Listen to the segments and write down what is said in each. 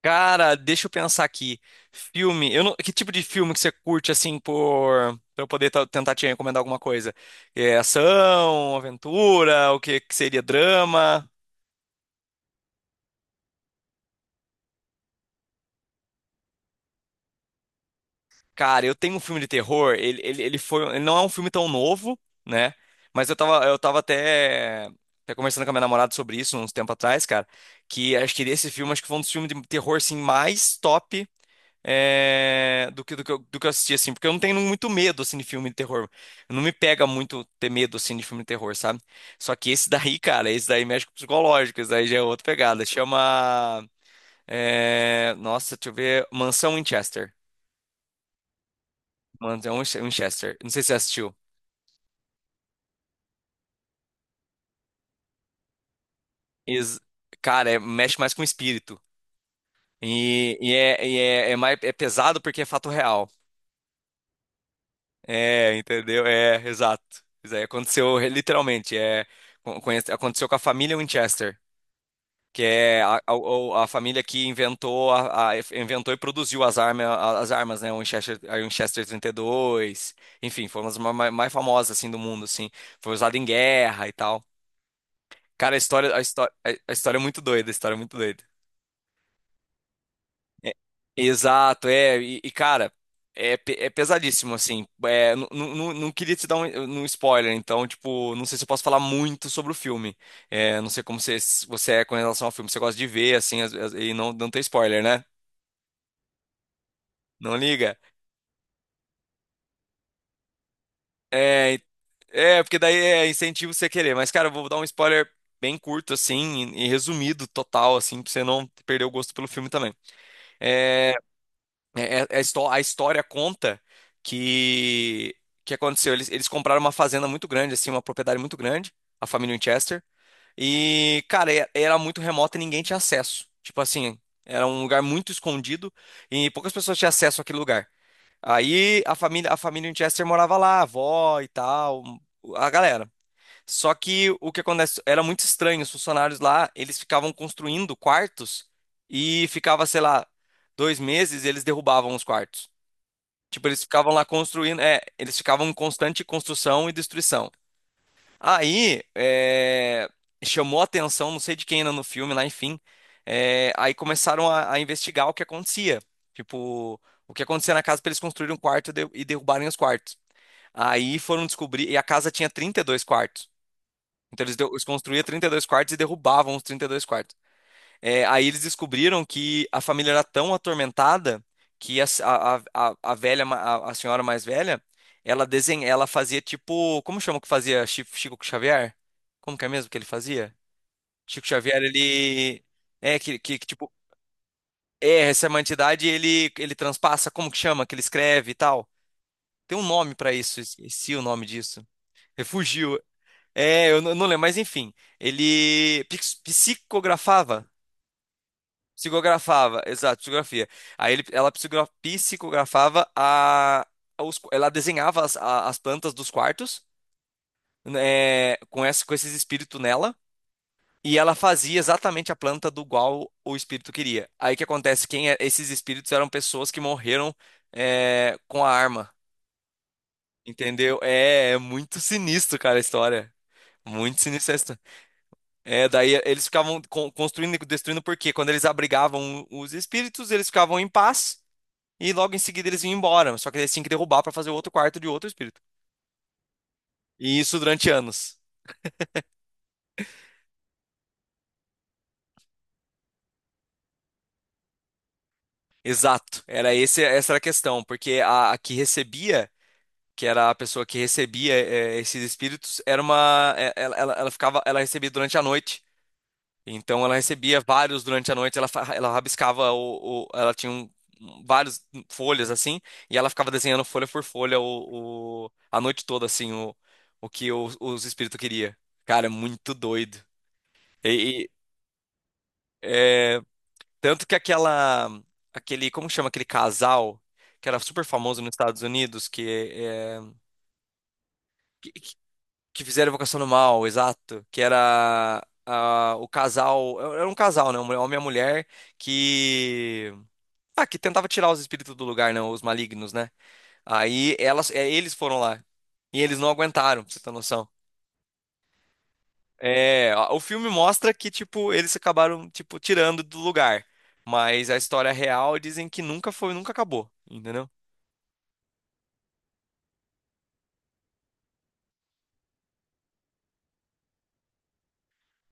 Cara, deixa eu pensar aqui. Filme, eu não- que tipo de filme que você curte assim por pra eu poder tentar te recomendar alguma coisa? É ação, aventura, o que, que seria drama? Cara, eu tenho um filme de terror, ele não é um filme tão novo, né? Mas eu tava até conversando com a minha namorada sobre isso uns tempo atrás, cara, que acho que esse filme acho que foi um dos filmes de terror assim mais top, do que eu assisti, assim, porque eu não tenho muito medo, assim, de filme de terror. Não me pega muito ter medo, assim, de filme de terror, sabe? Só que esse daí, cara, esse daí mexe com o psicológico, esse daí já é outra pegada. Chama, nossa, deixa eu ver, Mansão Winchester. Mansão Winchester. Não sei se você assistiu. Ex- Cara, mexe mais com o espírito. É pesado porque é fato real. É, entendeu? É, exato. Isso aí aconteceu literalmente. É, aconteceu com a família Winchester, que é a família que inventou, inventou e produziu as armas, né? O Winchester, a Winchester 32, enfim, foram as mais famosas assim do mundo, assim. Foi usado em guerra e tal. Cara, a história é muito doida, a história é muito doida. É, exato, cara, é pesadíssimo, assim, não queria te dar um, um spoiler, então, tipo, não sei se eu posso falar muito sobre o filme. É, não sei como você, você é com relação ao filme, você gosta de ver, assim, e não ter spoiler, né? Não liga? É, e- porque daí é incentivo você querer, mas, cara, eu vou dar um spoiler bem curto, assim, e resumido, total, assim, pra você não perder o gosto pelo filme também. É, a história conta que que aconteceu. Eles compraram uma fazenda muito grande, assim, uma propriedade muito grande, a família Winchester. E, cara, era muito remota e ninguém tinha acesso. Tipo assim, era um lugar muito escondido e poucas pessoas tinham acesso àquele lugar. Aí a família Winchester morava lá, a avó e tal, a galera. Só que o que acontece era muito estranho. Os funcionários lá, eles ficavam construindo quartos e ficava, sei lá, 2 meses, eles derrubavam os quartos. Tipo, eles ficavam lá construindo, eles ficavam em constante construção e destruição. Aí, chamou a atenção, não sei de quem ainda no filme, lá, enfim. Aí começaram a investigar o que acontecia. Tipo, o que acontecia na casa para eles construírem um quarto e derrubarem os quartos. Aí foram descobrir, e a casa tinha 32 quartos. Então eles construíam 32 quartos e derrubavam os 32 quartos. É, aí eles descobriram que a família era tão atormentada que a senhora mais velha, ela fazia tipo, como chama o que fazia Chico Xavier? Como que é mesmo que ele fazia? Chico Xavier, ele é que, tipo, essa é uma entidade, ele transpassa, como que chama, que ele escreve e tal. Tem um nome pra isso, esqueci o nome disso. Refugiu? É, eu não lembro, mas enfim, ele psicografava. Psicografava, exato, psicografia. Aí ela psicografava a, ela desenhava as plantas dos quartos, né, com esses espíritos nela, e ela fazia exatamente a planta do qual o espírito queria. Aí o que acontece? Esses espíritos eram pessoas que morreram com a arma, entendeu? É, é muito sinistro, cara, a história. Muito sinistro a história. É, daí eles ficavam construindo e destruindo, porque quando eles abrigavam os espíritos, eles ficavam em paz. E logo em seguida eles vinham embora, só que eles tinham que derrubar para fazer outro quarto de outro espírito. E isso durante anos. Exato, essa era a questão, porque a que recebia, que era a pessoa que recebia esses espíritos, era uma, ela recebia durante a noite. Então ela recebia vários durante a noite, ela rabiscava ela tinha um, várias folhas assim, e ela ficava desenhando folha por folha a noite toda assim o que os espíritos queria. Cara, é muito doido. E, É, tanto que aquele, como chama aquele casal que era super famoso nos Estados Unidos, que, é, que, que- que fizeram Invocação do Mal, exato, que era um casal, né, um homem e uma mulher que que tentava tirar os espíritos do lugar, né, os malignos, né? Aí eles foram lá e eles não aguentaram, pra você ter noção. É, o filme mostra que, tipo, eles acabaram, tipo, tirando do lugar. Mas a história real dizem que nunca foi, nunca acabou, entendeu?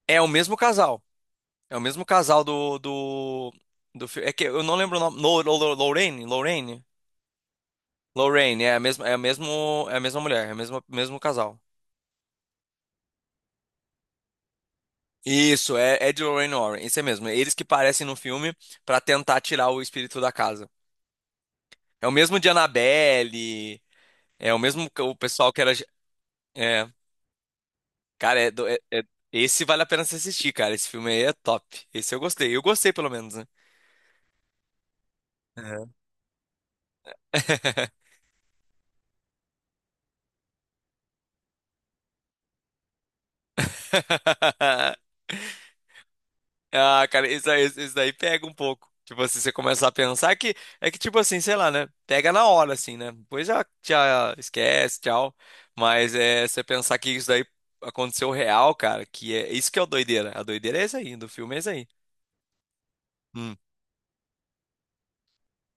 É o mesmo casal. É o mesmo casal do filme. É que eu não lembro o nome. Lorraine? Lorraine? Lorraine, é a mesma, é a mesmo, é a mesma mulher, é o mesmo, mesmo casal. Isso, é de Lorraine Warren, isso é mesmo. Eles que parecem no filme pra tentar tirar o espírito da casa. É o mesmo de Annabelle, é o mesmo que o pessoal que era. é, Cara, esse vale a pena se assistir, cara. Esse filme aí é top. Esse eu gostei. Eu gostei, pelo menos, né? É. Ah, cara, isso daí pega um pouco. Tipo assim, você começa a pensar que é que, tipo assim, sei lá, né? Pega na hora, assim, né? Depois já, já esquece, tchau. Mas é você pensar que isso daí aconteceu real, cara, que é isso que é o doideira. A doideira é isso aí, do filme é isso aí. Hum,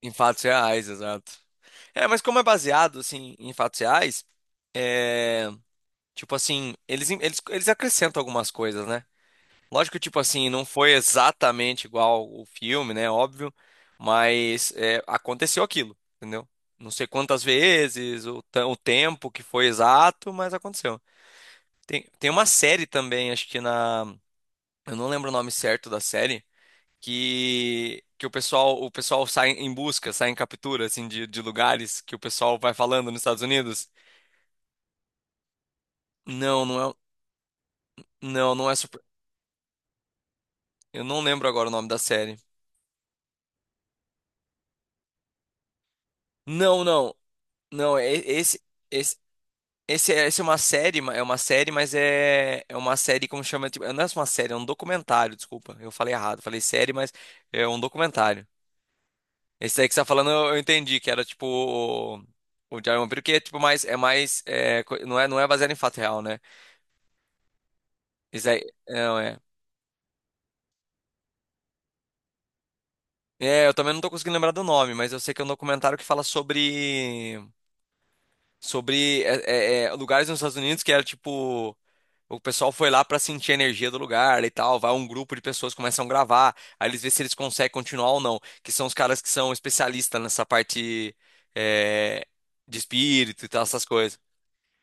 Em fatos reais, exato. É, mas como é baseado, assim, em fatos reais, é. Tipo assim, eles acrescentam algumas coisas, né? Lógico que, tipo assim, não foi exatamente igual o filme, né? Óbvio, mas aconteceu aquilo, entendeu? Não sei quantas vezes, o tempo que foi exato, mas aconteceu. Tem uma série também, acho que na. Eu não lembro o nome certo da série, que o pessoal sai em busca, sai em captura, assim, de lugares que o pessoal vai falando nos Estados Unidos. Não, não é. Não, não é super. Eu não lembro agora o nome da série. Não, não, não. Esse, essa é uma série, é uma série, mas é uma série como chama, tipo, não é uma série, é um documentário. Desculpa, eu falei errado, falei série, mas é um documentário. Esse daí que você tá falando, eu entendi que era tipo o Diário de um Vampiro, que é tipo mais, é, co- não é, não é baseado em fato real, né? Esse daí, não é. É, eu também não tô conseguindo lembrar do nome, mas eu sei que é um documentário que fala sobre lugares nos Estados Unidos que era tipo. O pessoal foi lá para sentir a energia do lugar e tal. Vai um grupo de pessoas, começam a gravar. Aí eles vê se eles conseguem continuar ou não. Que são os caras que são especialistas nessa parte é, de espírito e tal, essas coisas.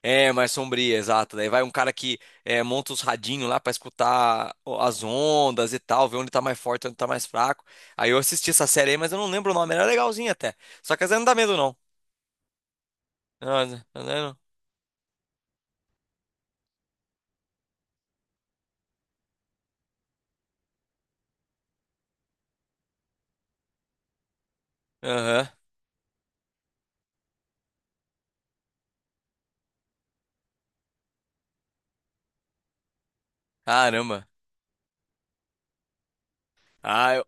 É, mais sombria, exato. Daí vai um cara que monta os radinhos lá para escutar as ondas e tal, ver onde tá mais forte, onde tá mais fraco. Aí eu assisti essa série aí, mas eu não lembro o nome. Era legalzinha até. Só que às vezes não dá medo, não. Não, às vezes não. Aham. Caramba. Ah,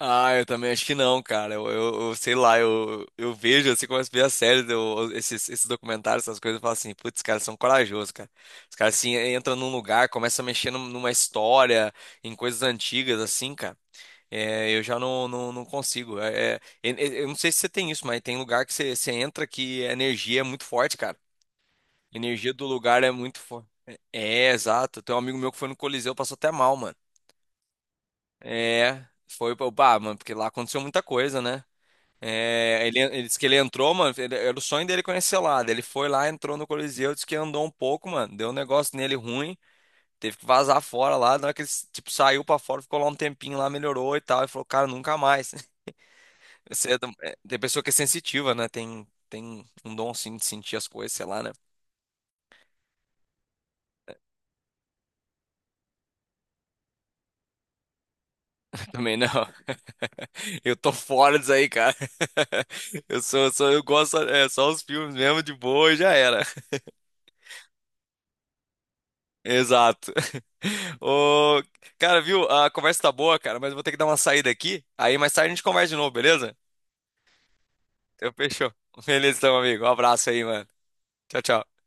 Ah, eu também acho que não, cara. Eu sei lá, eu vejo, assim, começo a ver as séries, eu, esses documentários, essas coisas, eu falo assim, putz, os caras são corajosos, cara. Os caras, assim, entram num lugar, começam a mexer numa história, em coisas antigas, assim, cara. É, eu já não consigo. É, eu não sei se você tem isso, mas tem lugar que você entra que a energia é muito forte, cara. A energia do lugar é muito forte. É, exato. Tem um amigo meu que foi no Coliseu, passou até mal, mano. É, foi, pá, mano, porque lá aconteceu muita coisa, né? É, ele disse que ele entrou, mano. Era o sonho dele conhecer lá. Daí ele foi lá, entrou no Coliseu, disse que andou um pouco, mano. Deu um negócio nele ruim. Teve que vazar fora lá. Na hora que ele, tipo, saiu pra fora, ficou lá um tempinho lá, melhorou e tal. E falou, cara, nunca mais. Você tem pessoa que é sensitiva, né? Tem um dom assim de sentir as coisas, sei lá, né? Também não. Eu tô fora disso aí, cara. Eu gosto, só os filmes mesmo de boa e já era. Exato. Ô, cara, viu? A conversa tá boa, cara, mas eu vou ter que dar uma saída aqui. Aí mais tarde a gente conversa de novo, beleza? Então, fechou. Beleza, então, amigo. Um abraço aí, mano. Tchau, tchau.